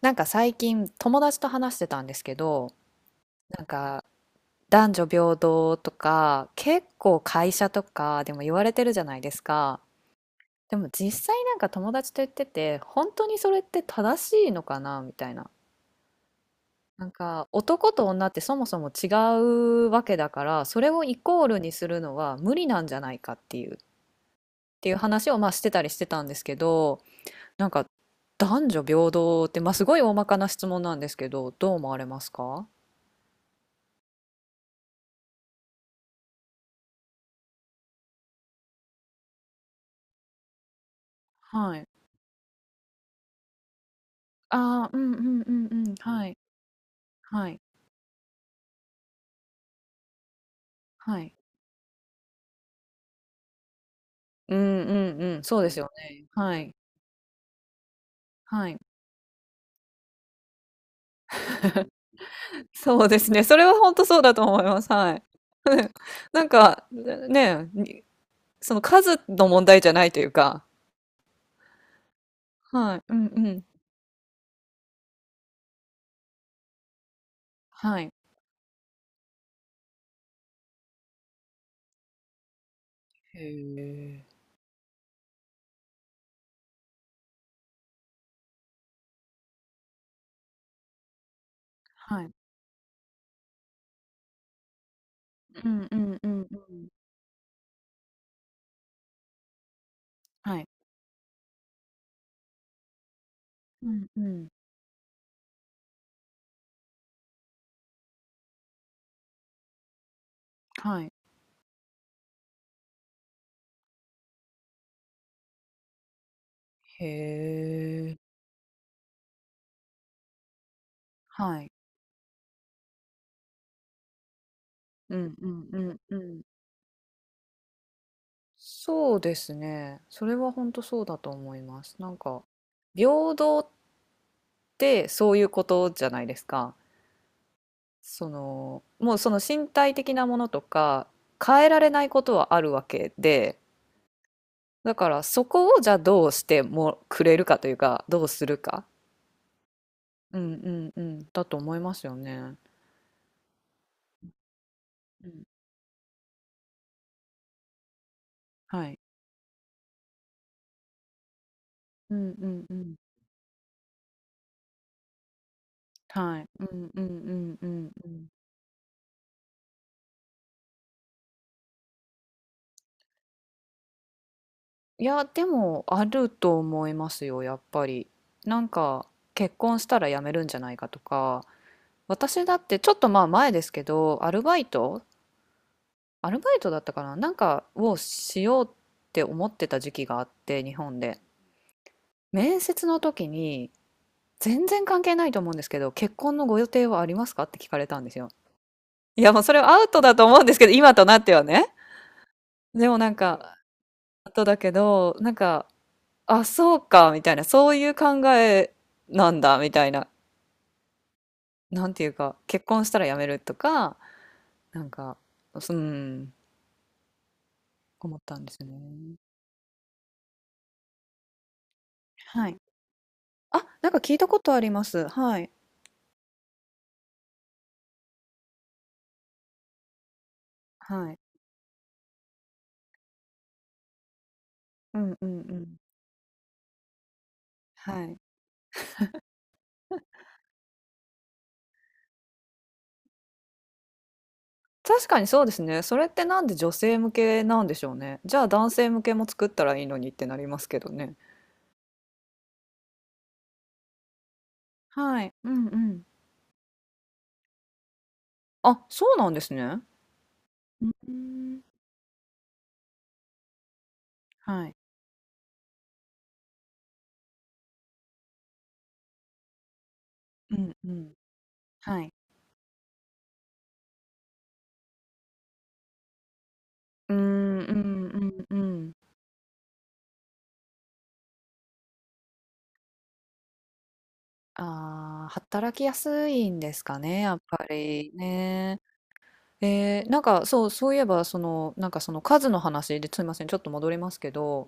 なんか最近友達と話してたんですけど、なんか男女平等とか結構会社とかでも言われてるじゃないですか。でも実際なんか友達と言ってて本当にそれって正しいのかなみたいな。なんか男と女ってそもそも違うわけだからそれをイコールにするのは無理なんじゃないかっていう話をまあしてたりしてたんですけど、なんか男女平等ってまあすごい大まかな質問なんですけど、どう思われますか？はい。ああ、うんうんうんうん。はい、はい、はい。うんうんうん。そうですよね。はい、はい。そうですね。それは本当そうだと思います。はい。なんか、ね、にその数の問題じゃないというか。はい。うんうん。はい。へえ。はい。うんうんうんうん。はい。うんうん。はい。へえ。はい。うんうんうんうん。そうですね。それは本当そうだと思います。なんか、平等ってそういうことじゃないですか。その、もうその身体的なものとか、変えられないことはあるわけで、だからそこをじゃあどうしてもくれるかというか、どうするか。うんうんうん。だと思いますよね。うん、はい。うんうんうん。はい。うんうんうんうんうん。いや、でもあると思いますよ、やっぱり。なんか結婚したら辞めるんじゃないかとか、私だってちょっとまあ前ですけど、アルバイトだったかな、なんかをしようって思ってた時期があって、日本で。面接の時に、全然関係ないと思うんですけど、結婚のご予定はありますかって聞かれたんですよ。いや、もうそれはアウトだと思うんですけど、今となってはね。でもなんか、アウトだけど、なんか、あ、そうか、みたいな、そういう考えなんだ、みたいな、なんていうか、結婚したら辞めるとか、なんか、うん、思ったんですよね。はい。あ、なんか聞いたことあります。はい。はい。うんうんうん。はい。確かにそうですね。それってなんで女性向けなんでしょうね。じゃあ男性向けも作ったらいいのにってなりますけどね。はい。うんうん。あ、そうなんですね。うん。はい。うんうん。はい。うんうんうんうん。ああ、働きやすいんですかね、やっぱりね。なんかそう、そういえば、その、なんかその数の話ですみません、ちょっと戻りますけど、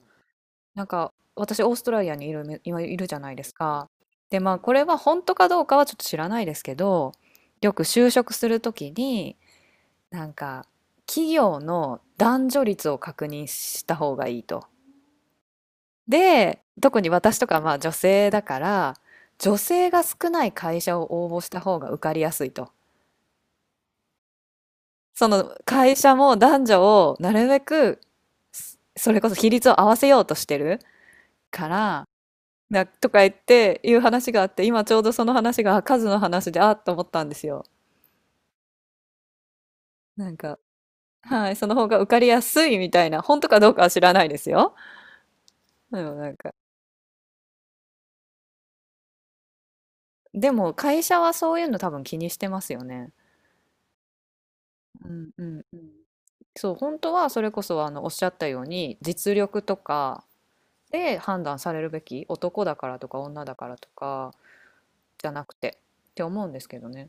なんか私、オーストラリアにいるめ、今いるじゃないですか。で、まあ、これは本当かどうかはちょっと知らないですけど、よく就職するときに、なんか、企業の男女率を確認した方がいいと。で、特に私とかまあ女性だから、女性が少ない会社を応募した方が受かりやすいと。その会社も男女をなるべくそれこそ比率を合わせようとしてるからなとか言っていう話があって今ちょうどその話が数の話であっと思ったんですよ。なんか、はい、その方が受かりやすいみたいな、本当かどうかは知らないですよ。でもなんかでも会社はそういうの多分気にしてますよね。うんうんうん。そう、本当はそれこそあのおっしゃったように実力とかで判断されるべき、男だからとか女だからとかじゃなくてって思うんですけどね。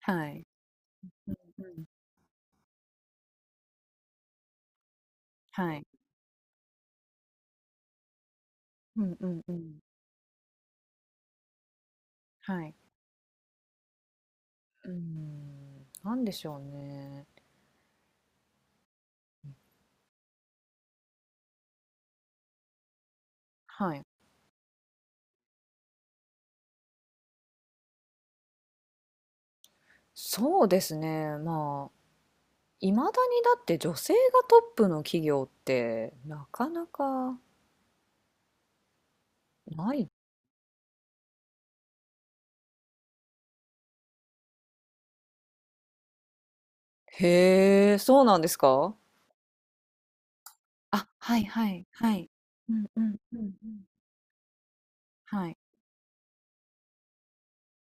はい。うん、はい。うんうんうん。はい。うーん、なんでしょうね。はい。そうですね。まあ、いまだにだって女性がトップの企業ってなかなかない。へえ、そうなんですか。あ、はいはい、はい。うんうんうんうん。はい。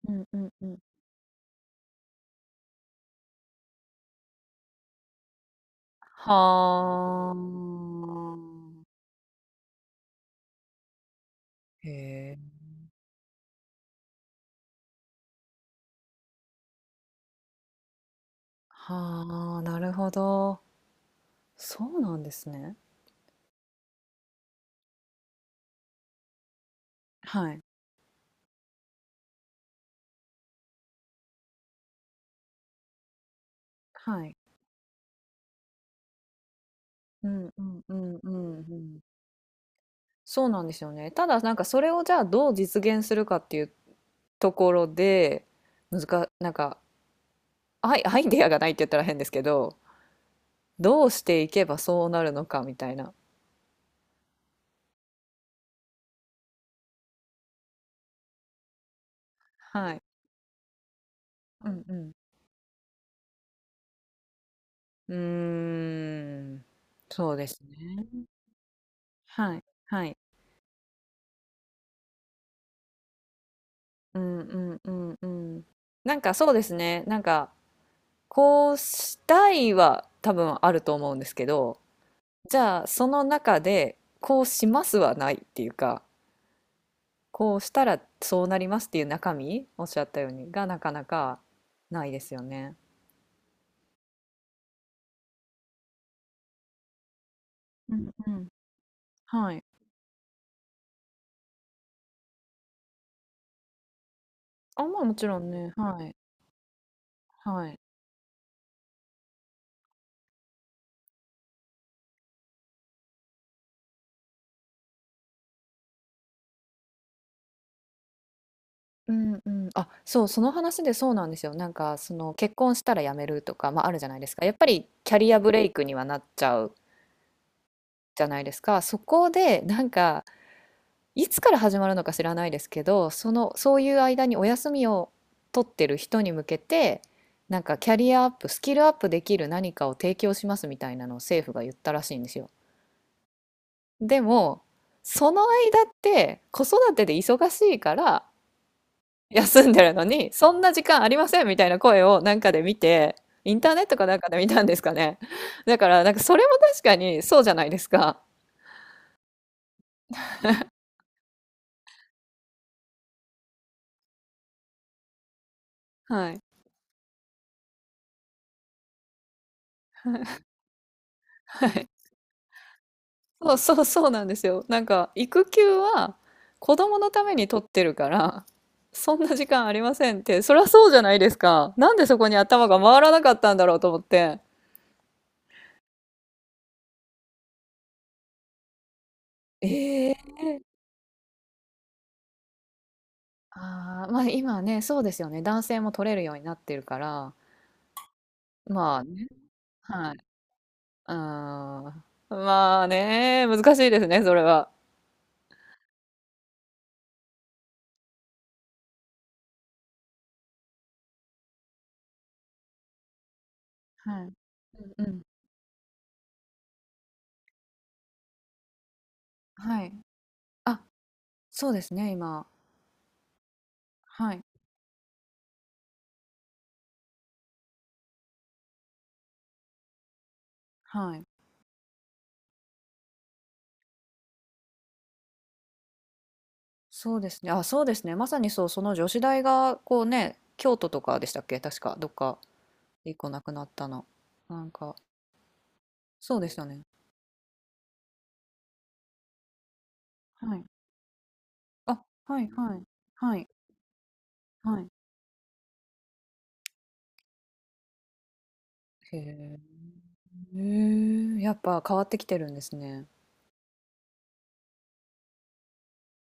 うんうんうん。はあ。へえ。はあ、なるほど。そうなんですね。はい。はい。うんうんうんうんうん。そうなんですよね。ただなんかそれをじゃあどう実現するかっていうところで、なんか、アイデアがないって言ったら変ですけど、どうしていけばそうなるのかみたいな。はい。うんうん。うーん。そうですね。はい。はい。うんうんうんうん。なんかそうですね。なんかこうしたいは多分あると思うんですけど、じゃあその中でこうしますはないっていうか、こうしたらそうなりますっていう中身、おっしゃったようにがなかなかないですよね。うんうん。はい。あ、まあもちろんね。はい。はい。うんうん、あ、そう、その話でそうなんですよ。なんか、その結婚したら辞めるとか、まあ、あるじゃないですか。やっぱりキャリアブレイクにはなっちゃうじゃないですか。そこでなんか、いつから始まるのか知らないですけど、そのそういう間にお休みを取ってる人に向けて、なんかキャリアアップ、スキルアップできる何かを提供しますみたいなのを政府が言ったらしいんですよ。でも、その間って子育てで忙しいから休んでるのに、そんな時間ありませんみたいな声をなんかで見て、インターネットかなんかで見たんですかね。だからなんかそれも確かにそうじゃないですか。はい。はい。そうそうそうなんですよ。なんか育休は子供のために取ってるからそんな時間ありませんって、そりゃそうじゃないですか。なんでそこに頭が回らなかったんだろうと思って。ええ、ああー、まあ今ね、そうですよね。男性も取れるようになってるから、まあね、はい。ああ、まあね、難しいですね、それは。はい。うんうん。はい。あ、そうですね、今。はい。はい。そうですね。あ、そうですね。まさにそう、その女子大が、こうね、京都とかでしたっけ確か、どっか、一個なくなったの。なんか、そうでしたね。はい。あ、はい、はい、はい、はい。へえ、へえ、やっぱ変わってきてるんですね。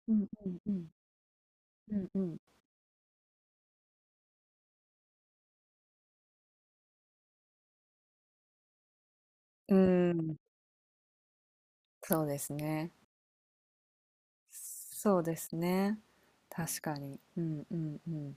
うんうんうん。うんうん。うん、そうですね。そうですね。確かに。うんうんうん。